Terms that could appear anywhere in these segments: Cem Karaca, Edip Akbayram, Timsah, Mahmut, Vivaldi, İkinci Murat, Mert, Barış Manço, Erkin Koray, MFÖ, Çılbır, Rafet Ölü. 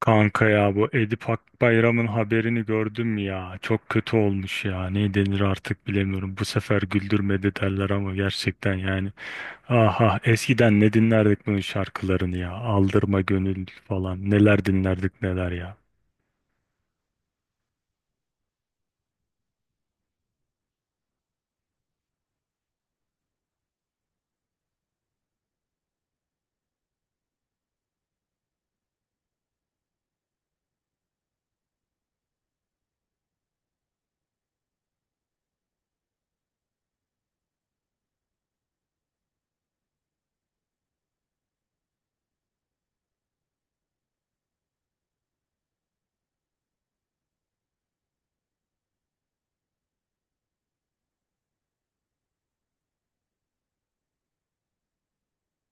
Kanka ya bu Edip Akbayram'ın haberini gördün mü ya? Çok kötü olmuş ya. Ne denir artık bilemiyorum. Bu sefer güldürmedi derler ama gerçekten yani. Aha eskiden ne dinlerdik bunun şarkılarını ya. Aldırma gönül falan. Neler dinlerdik neler ya.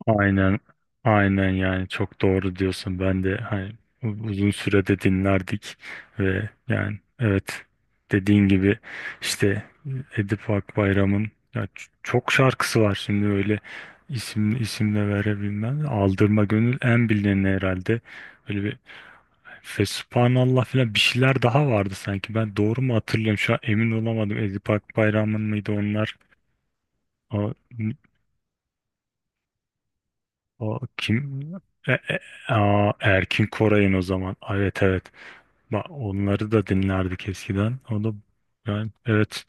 Aynen, aynen, yani çok doğru diyorsun. Ben de hani uzun sürede dinlerdik ve yani evet dediğin gibi işte Edip Akbayram'ın ya çok şarkısı var şimdi öyle isim isimle verebilmem. Aldırma Gönül en bilineni herhalde. Öyle bir Fesubhanallah falan bir şeyler daha vardı sanki. Ben doğru mu hatırlıyorum? Şu an emin olamadım. Edip Akbayram'ın mıydı onlar? O kim? E, e- Erkin Koray'ın o zaman. Aa, evet evet. Bak onları da dinlerdik eskiden. O da yani evet.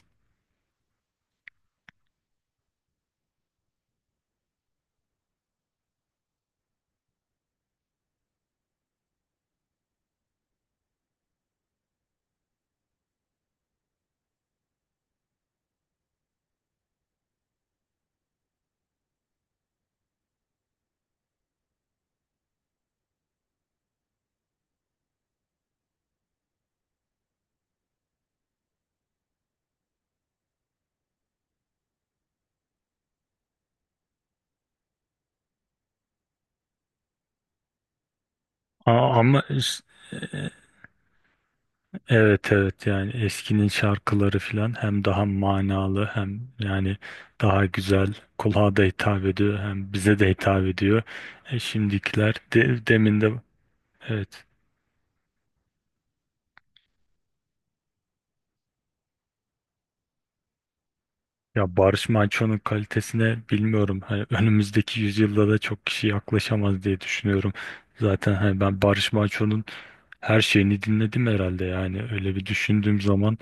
Aa, ama es- e, evet evet yani eskinin şarkıları filan hem daha manalı hem yani daha güzel kulağa da hitap ediyor hem bize de hitap ediyor. Şimdikiler de, demin de evet. Ya Barış Manço'nun kalitesine bilmiyorum. Hani önümüzdeki yüzyılda da çok kişi yaklaşamaz diye düşünüyorum. Zaten hani ben Barış Manço'nun her şeyini dinledim herhalde yani öyle bir düşündüğüm zaman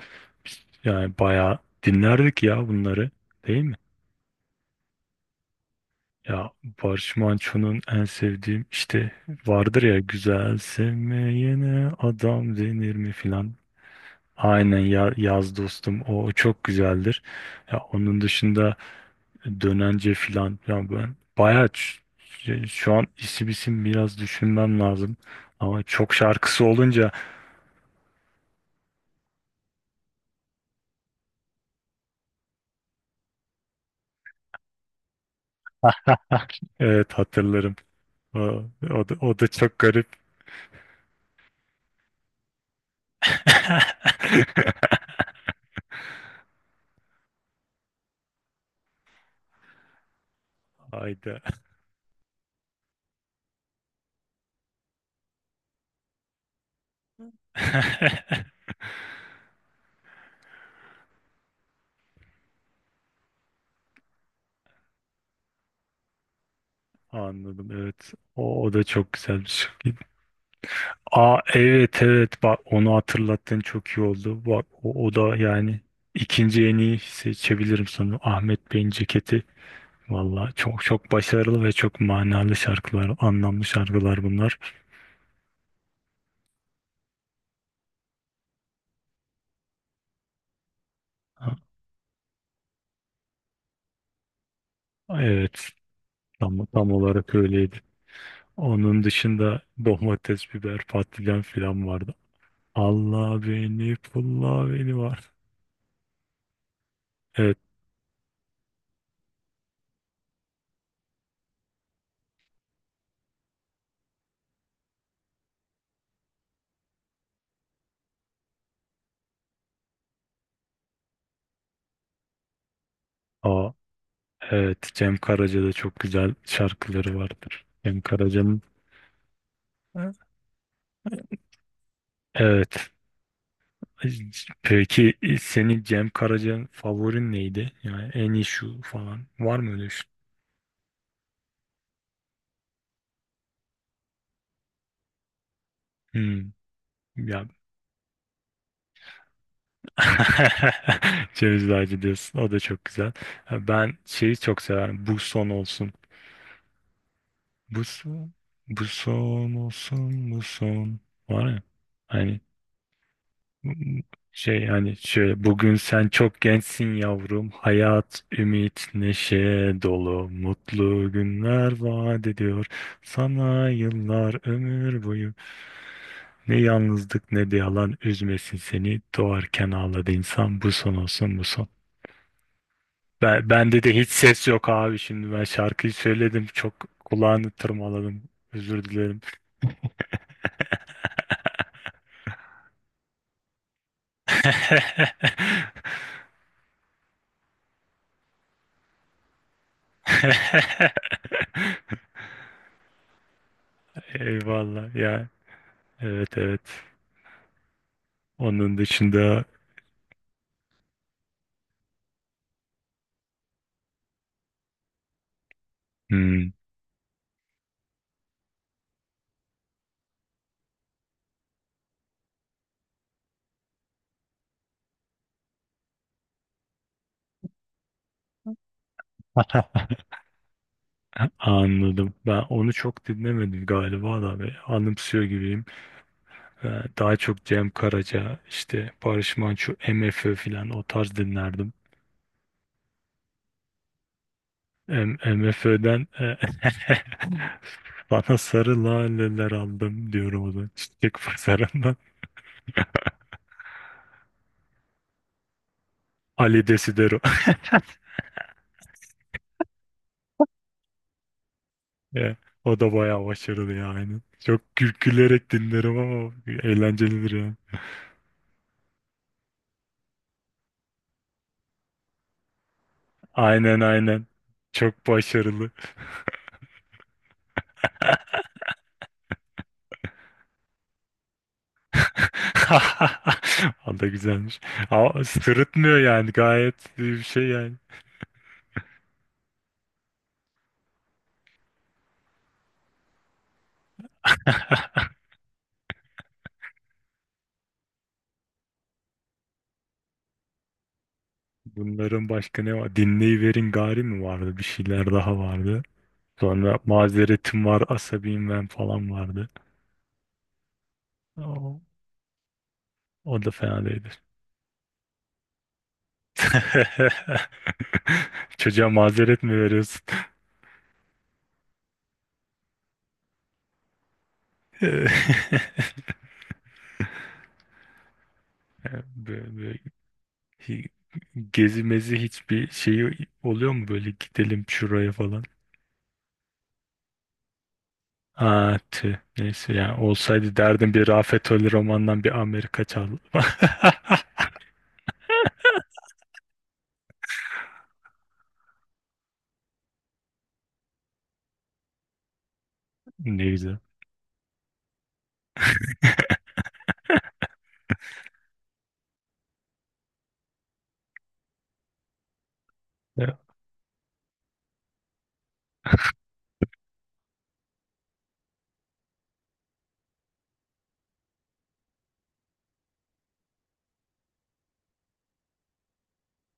biz yani bayağı dinlerdik ya bunları, değil mi? Ya Barış Manço'nun en sevdiğim işte vardır ya güzel sevmeyene adam denir mi filan. Aynen yaz dostum o çok güzeldir. Ya onun dışında dönence filan ya ben bayağı şu an isim isim biraz düşünmem lazım. Ama çok şarkısı olunca evet hatırlarım. O, o da çok garip. Hayda. Anladım evet. O da çok güzelmiş. Aa evet evet bak onu hatırlattın çok iyi oldu. Bak o da yani ikinci en iyi seçebilirim sanırım. Ahmet Bey'in ceketi. Valla çok çok başarılı ve çok manalı şarkılar, anlamlı şarkılar bunlar. Ha, evet tam olarak öyleydi. Onun dışında domates, biber, patlıcan filan vardı. Allah beni, pulla beni var. Evet, aa, evet Cem Karaca'da çok güzel şarkıları vardır. Cem Karaca'nın. Evet. Peki senin Cem Karaca'nın favorin neydi? Yani en iyi şu falan. Var mı öyle bir şey? Hmm, ya. Ceviz Ağacı diyorsun. O da çok güzel. Ha, ben şeyi çok severim. Bu son olsun. Bu son. Bu son olsun. Bu son. Var ya. Hani. Şey yani şöyle bugün sen çok gençsin yavrum. Hayat, ümit, neşe dolu. Mutlu günler vaat ediyor. Sana yıllar ömür boyu. Ne yalnızlık ne de yalan üzmesin seni. Doğarken ağladı insan. Bu son olsun bu son. Bende de hiç ses yok abi şimdi. Ben şarkıyı söyledim. Çok kulağını tırmaladım. Özür dilerim. Eyvallah ya. Evet evet. Onun dışında hmm, heh, anladım. Ben onu çok dinlemedim galiba da ve anımsıyor gibiyim. Daha çok Cem Karaca, işte Barış Manço, MFÖ filan o tarz dinlerdim. M MFÖ'den bana sarı laleler aldım diyorum o da. Çiçek pazarından. Ali Desidero. Ya, o da bayağı başarılı yani. Çok gülerek dinlerim ama eğlencelidir yani. Aynen aynen. Çok başarılı. O da güzelmiş. Ama sırıtmıyor yani gayet bir şey yani. Bunların başka ne var? Dinleyiverin gari mi vardı? Bir şeyler daha vardı. Sonra mazeretim var, asabiyim ben falan vardı. O, o da fena değildi. Çocuğa mazeret mi veriyorsun? Böyle hi- gezi mezi hiçbir şeyi oluyor mu böyle gidelim şuraya falan? Aa, tüh. Neyse yani olsaydı derdim bir Rafet Ölü romandan bir Amerika çal. Ne güzel. Ya,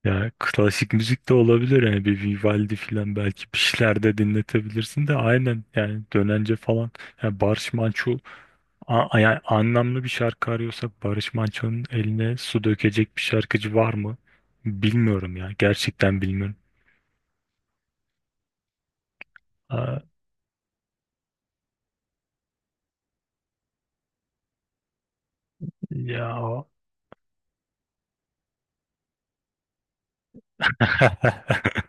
ya, klasik müzik de olabilir yani bir Vivaldi falan belki bir şeyler de dinletebilirsin de aynen yani dönence falan. Yani Barış Manço yani anlamlı bir şarkı arıyorsak Barış Manço'nun eline su dökecek bir şarkıcı var mı? Bilmiyorum ya gerçekten bilmiyorum. Aa, ya.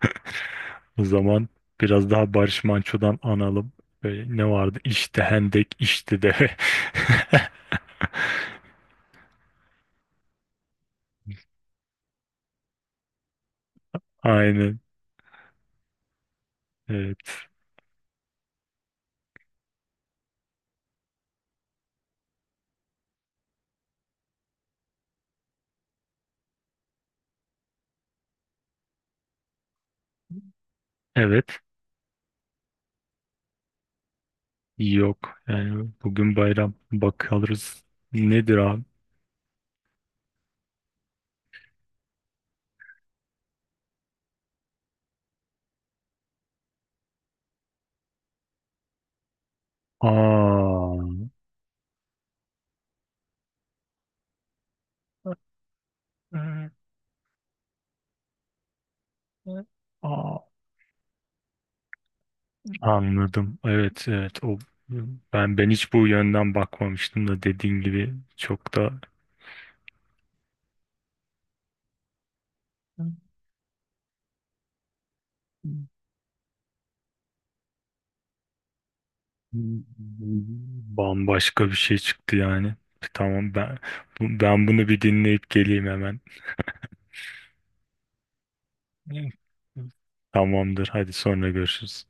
O zaman biraz daha Barış Manço'dan analım. Böyle ne vardı? İşte hendek, işte de. Aynen. Evet. Evet. Yok. Yani bugün bayram. Bakarız. Nedir abi? Aa. Aa. Anladım. Evet, evet. O ben hiç bu yönden bakmamıştım da dediğin gibi çok da bambaşka bir şey çıktı yani. Tamam ben ben bunu bir dinleyip geleyim hemen. Tamamdır. Hadi sonra görüşürüz.